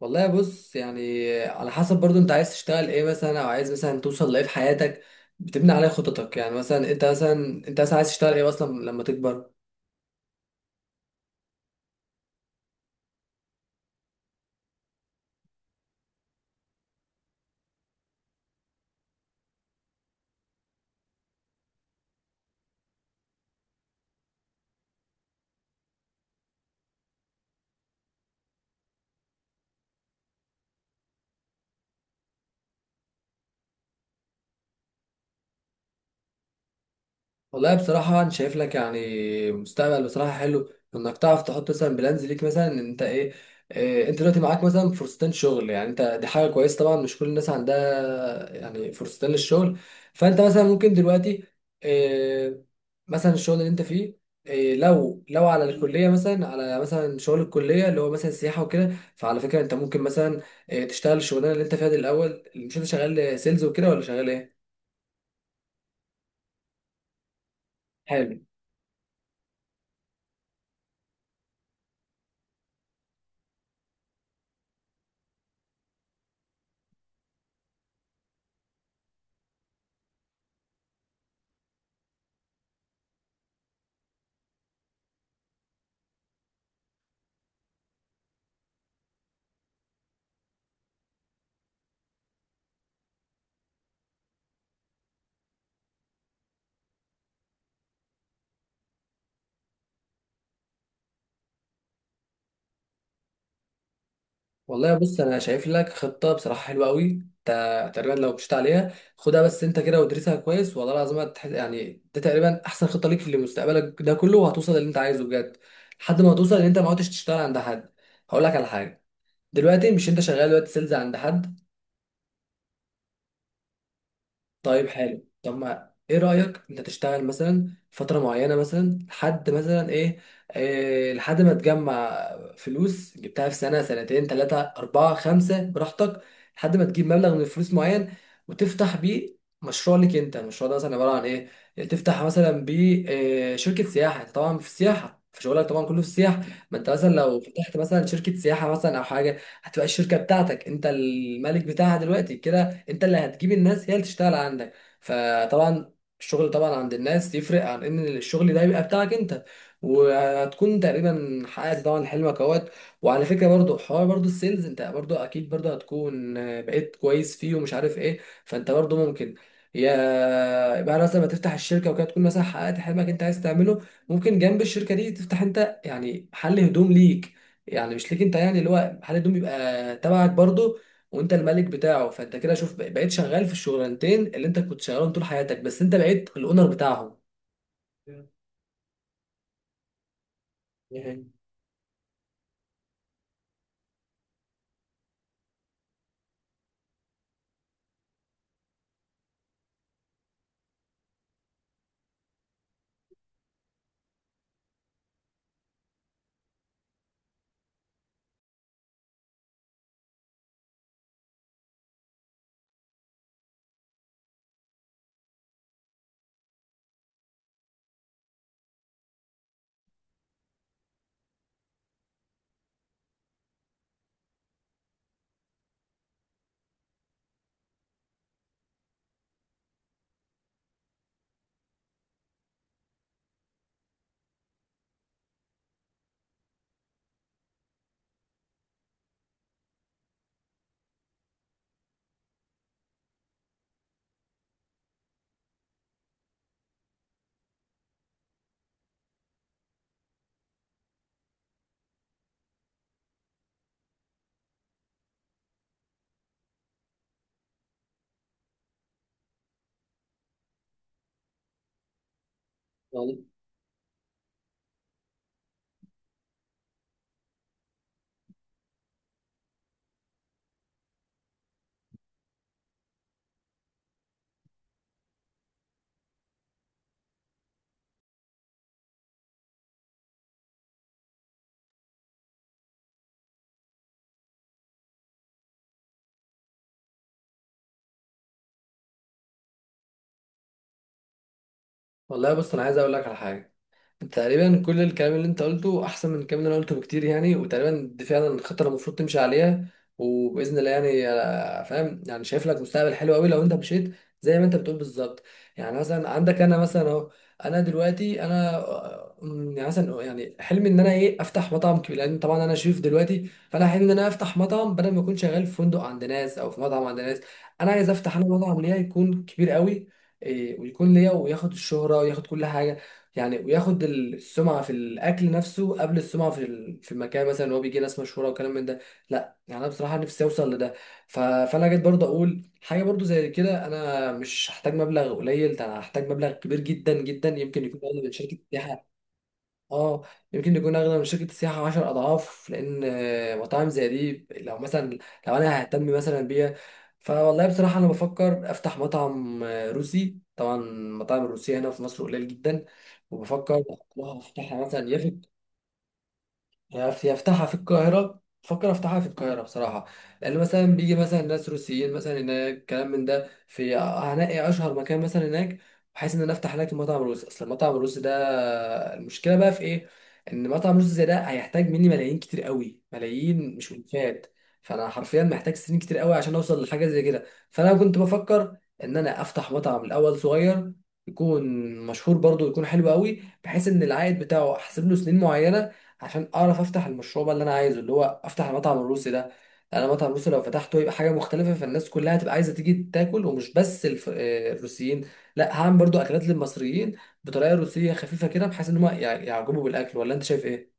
والله بص يعني على حسب برضو انت عايز تشتغل ايه مثلا او عايز مثلا توصل لايه في حياتك. بتبني عليه خططك يعني مثلا انت مثلا عايز تشتغل ايه اصلا لما تكبر. والله بصراحة أنا شايف لك يعني مستقبل بصراحة حلو إنك تعرف تحط مثلا بلانز ليك مثلا إن أنت إيه، أنت دلوقتي معاك مثلا فرصتين شغل، يعني أنت دي حاجة كويسة طبعا مش كل الناس عندها يعني فرصتين للشغل. فأنت مثلا ممكن دلوقتي إيه مثلا الشغل اللي أنت فيه، إيه لو على الكلية مثلا على مثلا شغل الكلية اللي هو مثلا سياحة وكده، فعلى فكرة أنت ممكن مثلا إيه تشتغل الشغلانة اللي أنت فيها دي الأول. مش أنت شغال سيلز وكده ولا شغال إيه؟ حلو. والله بص انا شايف لك خطه بصراحه حلوه قوي. انت تقريبا لو مشيت عليها خدها بس انت كده وادرسها كويس والله العظيم يعني ده تقريبا احسن خطه ليك لمستقبلك ده كله، وهتوصل للي انت عايزه بجد لحد ما توصل ان انت ما عدتش تشتغل عند حد. هقول لك على حاجه، دلوقتي مش انت شغال دلوقتي سيلز عند حد؟ طيب حلو. طب ما ايه رأيك انت تشتغل مثلا فترة معينة مثلا لحد مثلا ايه، إيه لحد ما تجمع فلوس جبتها في سنة سنتين ثلاثة أربعة خمسة براحتك، لحد ما تجيب مبلغ من الفلوس معين وتفتح بيه مشروع لك انت. المشروع ده مثلا عبارة عن ايه؟ يعني تفتح مثلا بيه إيه شركة سياحة. انت طبعا في السياحة، في شغلك طبعا كله في السياحة. ما انت مثلا لو فتحت مثلا شركة سياحة مثلا او حاجة هتبقى الشركة بتاعتك انت الملك بتاعها دلوقتي كده. انت اللي هتجيب الناس، هي اللي تشتغل عندك. فطبعا الشغل طبعا عند الناس يفرق عن ان الشغل ده يبقى بتاعك انت. وهتكون تقريبا حققت طبعا حلمك اهوت. وعلى فكره برضو حوار برضو السيلز، انت برضو اكيد برضو هتكون بقيت كويس فيه ومش عارف ايه. فانت برضو ممكن يا بعد مثلا ما تفتح الشركه وكده تكون مثلا حققت حلمك انت عايز تعمله، ممكن جنب الشركه دي تفتح انت يعني محل هدوم ليك. يعني مش ليك انت، يعني اللي هو محل هدوم يبقى تبعك برضو وانت الملك بتاعه. فانت كده شوف بقيت شغال في الشغلانتين اللي انت كنت شغالهم طول حياتك بس انت بقيت الاونر بتاعهم. دي حقيقة. والله والله بص انا عايز اقول لك على حاجه. تقريبا كل الكلام اللي انت قلته احسن من الكلام اللي انا قلته بكتير يعني، وتقريبا دي فعلا الخطه اللي المفروض تمشي عليها وباذن الله يعني. فاهم؟ يعني شايف لك مستقبل حلو قوي لو انت مشيت زي ما انت بتقول بالظبط. يعني مثلا عندك انا مثلا اهو، انا دلوقتي انا آه، م، يعني مثلا يعني حلمي ان انا ايه افتح مطعم كبير، لان طبعا انا شيف دلوقتي، فانا حلمي ان انا افتح مطعم بدل ما اكون شغال في فندق عند ناس او في مطعم عند ناس. انا عايز افتح انا مطعم ليا يكون كبير قوي، ويكون ليا وياخد الشهره وياخد كل حاجه يعني وياخد السمعه في الاكل نفسه قبل السمعه في في المكان مثلا اللي هو بيجي ناس مشهوره وكلام من ده. لا يعني انا بصراحه نفسي اوصل لده. فانا جيت برضه اقول حاجه برضه زي كده. انا مش هحتاج مبلغ قليل، ده انا هحتاج مبلغ كبير جدا جدا، يمكن يكون اقل من شركه سياحه. اه يمكن يكون اغلى من شركه السياحه 10 اضعاف، لان مطاعم زي دي لو انا ههتم مثلا بيها. فوالله بصراحه انا بفكر افتح مطعم روسي. طبعا المطاعم الروسيه هنا في مصر قليل جدا، وبفكر افتحها مثلا يفتحها في القاهرة. بفكر افتحها في القاهرة بصراحة لأن مثلا بيجي مثلا ناس روسيين مثلا هناك كلام من ده في، هنلاقي أشهر مكان مثلا هناك بحيث إن أنا أفتح هناك المطعم الروسي. أصل المطعم الروسي ده المشكلة بقى في إيه؟ إن مطعم روسي زي ده هيحتاج مني ملايين كتير قوي، ملايين مش ألفات. فأنا حرفيا محتاج سنين كتير قوي عشان أوصل لحاجة زي كده. فأنا كنت بفكر إن أنا أفتح مطعم الأول صغير، يكون مشهور برضه، يكون حلو قوي بحيث إن العائد بتاعه أحسب له سنين معينة عشان اعرف افتح المشروع بقى اللي انا عايزه اللي هو افتح المطعم الروسي ده. انا المطعم الروسي لو فتحته يبقى حاجه مختلفه، فالناس كلها هتبقى عايزه تيجي تاكل، ومش بس الف... آه، الروسيين. لا هعمل برضو اكلات للمصريين بطريقه روسيه خفيفه كده بحيث ان هم يعجبوا بالاكل. ولا انت شايف ايه؟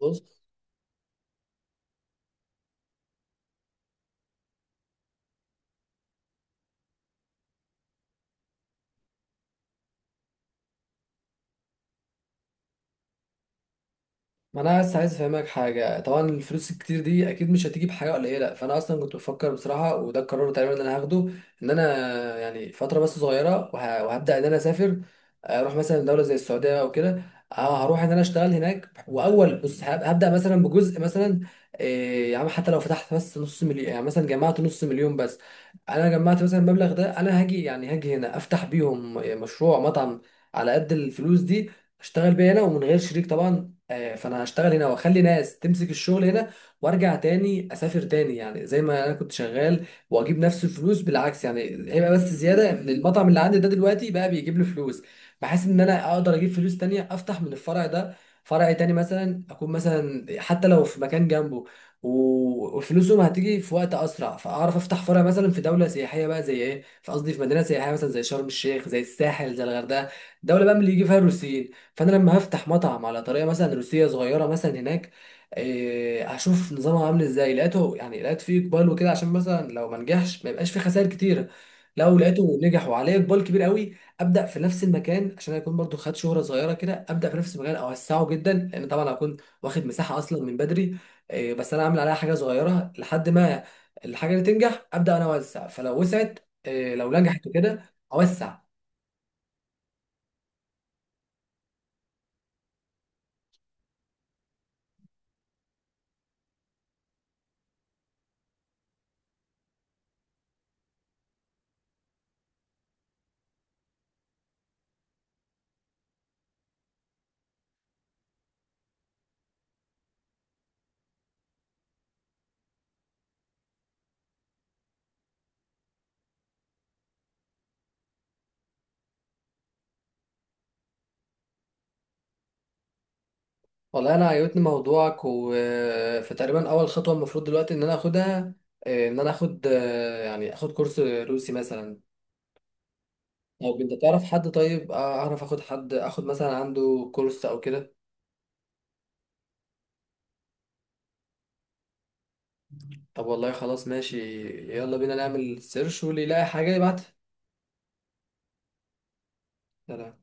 بص ما انا بس عايز افهمك حاجه. طبعا الفلوس الكتير دي اكيد مش هتيجي بحاجه قليله، فانا اصلا كنت بفكر بصراحه وده القرار تقريبا اللي انا هاخده، ان انا يعني فتره بس صغيره وهبدا ان انا اسافر. اروح مثلا دوله زي السعوديه او كده، اه هروح ان انا اشتغل هناك. واول بص هبدا مثلا بجزء مثلا، إيه يا عم حتى لو فتحت بس نص مليون، يعني مثلا جمعت نص مليون بس. انا جمعت مثلا المبلغ ده انا هاجي يعني هاجي هنا افتح بيهم مشروع مطعم على قد الفلوس دي، اشتغل بيها هنا ومن غير شريك طبعا. فانا هشتغل هنا واخلي ناس تمسك الشغل هنا، وارجع تاني اسافر تاني يعني زي ما انا كنت شغال واجيب نفس الفلوس بالعكس. يعني هيبقى بس زياده ان المطعم اللي عندي ده دلوقتي بقى بيجيب لي فلوس بحيث ان انا اقدر اجيب فلوس تانية افتح من الفرع ده فرع تاني مثلا. اكون مثلا حتى لو في مكان جنبه وفلوسهم هتيجي في وقت اسرع، فاعرف افتح فرع مثلا في دوله سياحيه بقى زي ايه في، قصدي في مدينه سياحيه مثلا زي شرم الشيخ زي الساحل زي الغردقه. دوله بقى من اللي يجي فيها الروسيين. فانا لما هفتح مطعم على طريقه مثلا روسيه صغيره مثلا هناك، هشوف نظامها عامل ازاي. لقيته يعني لقيت فيه اقبال وكده عشان مثلا لو ما نجحش ما يبقاش فيه خسائر كتيره. لو لقيته نجح وعليه اقبال كبير قوي ابدا في نفس المكان عشان اكون برضو خدت شهره صغيره كده. ابدا في نفس المكان اوسعه جدا لان طبعا هكون واخد مساحه اصلا من بدري. بس انا عامل عليها حاجه صغيره لحد ما الحاجه اللي تنجح ابدا انا اوسع. فلو وسعت لو نجحت وكده اوسع. والله انا عجبتني موضوعك. وفي تقريبا اول خطوه المفروض دلوقتي ان انا اخدها، آه، ان انا اخد آه، يعني اخد كورس روسي مثلا. طب انت تعرف حد طيب، اعرف اخد حد اخد مثلا عنده كورس او كده؟ طب والله خلاص ماشي. يلا بينا نعمل سيرش واللي يلاقي حاجه يبعتها. سلام.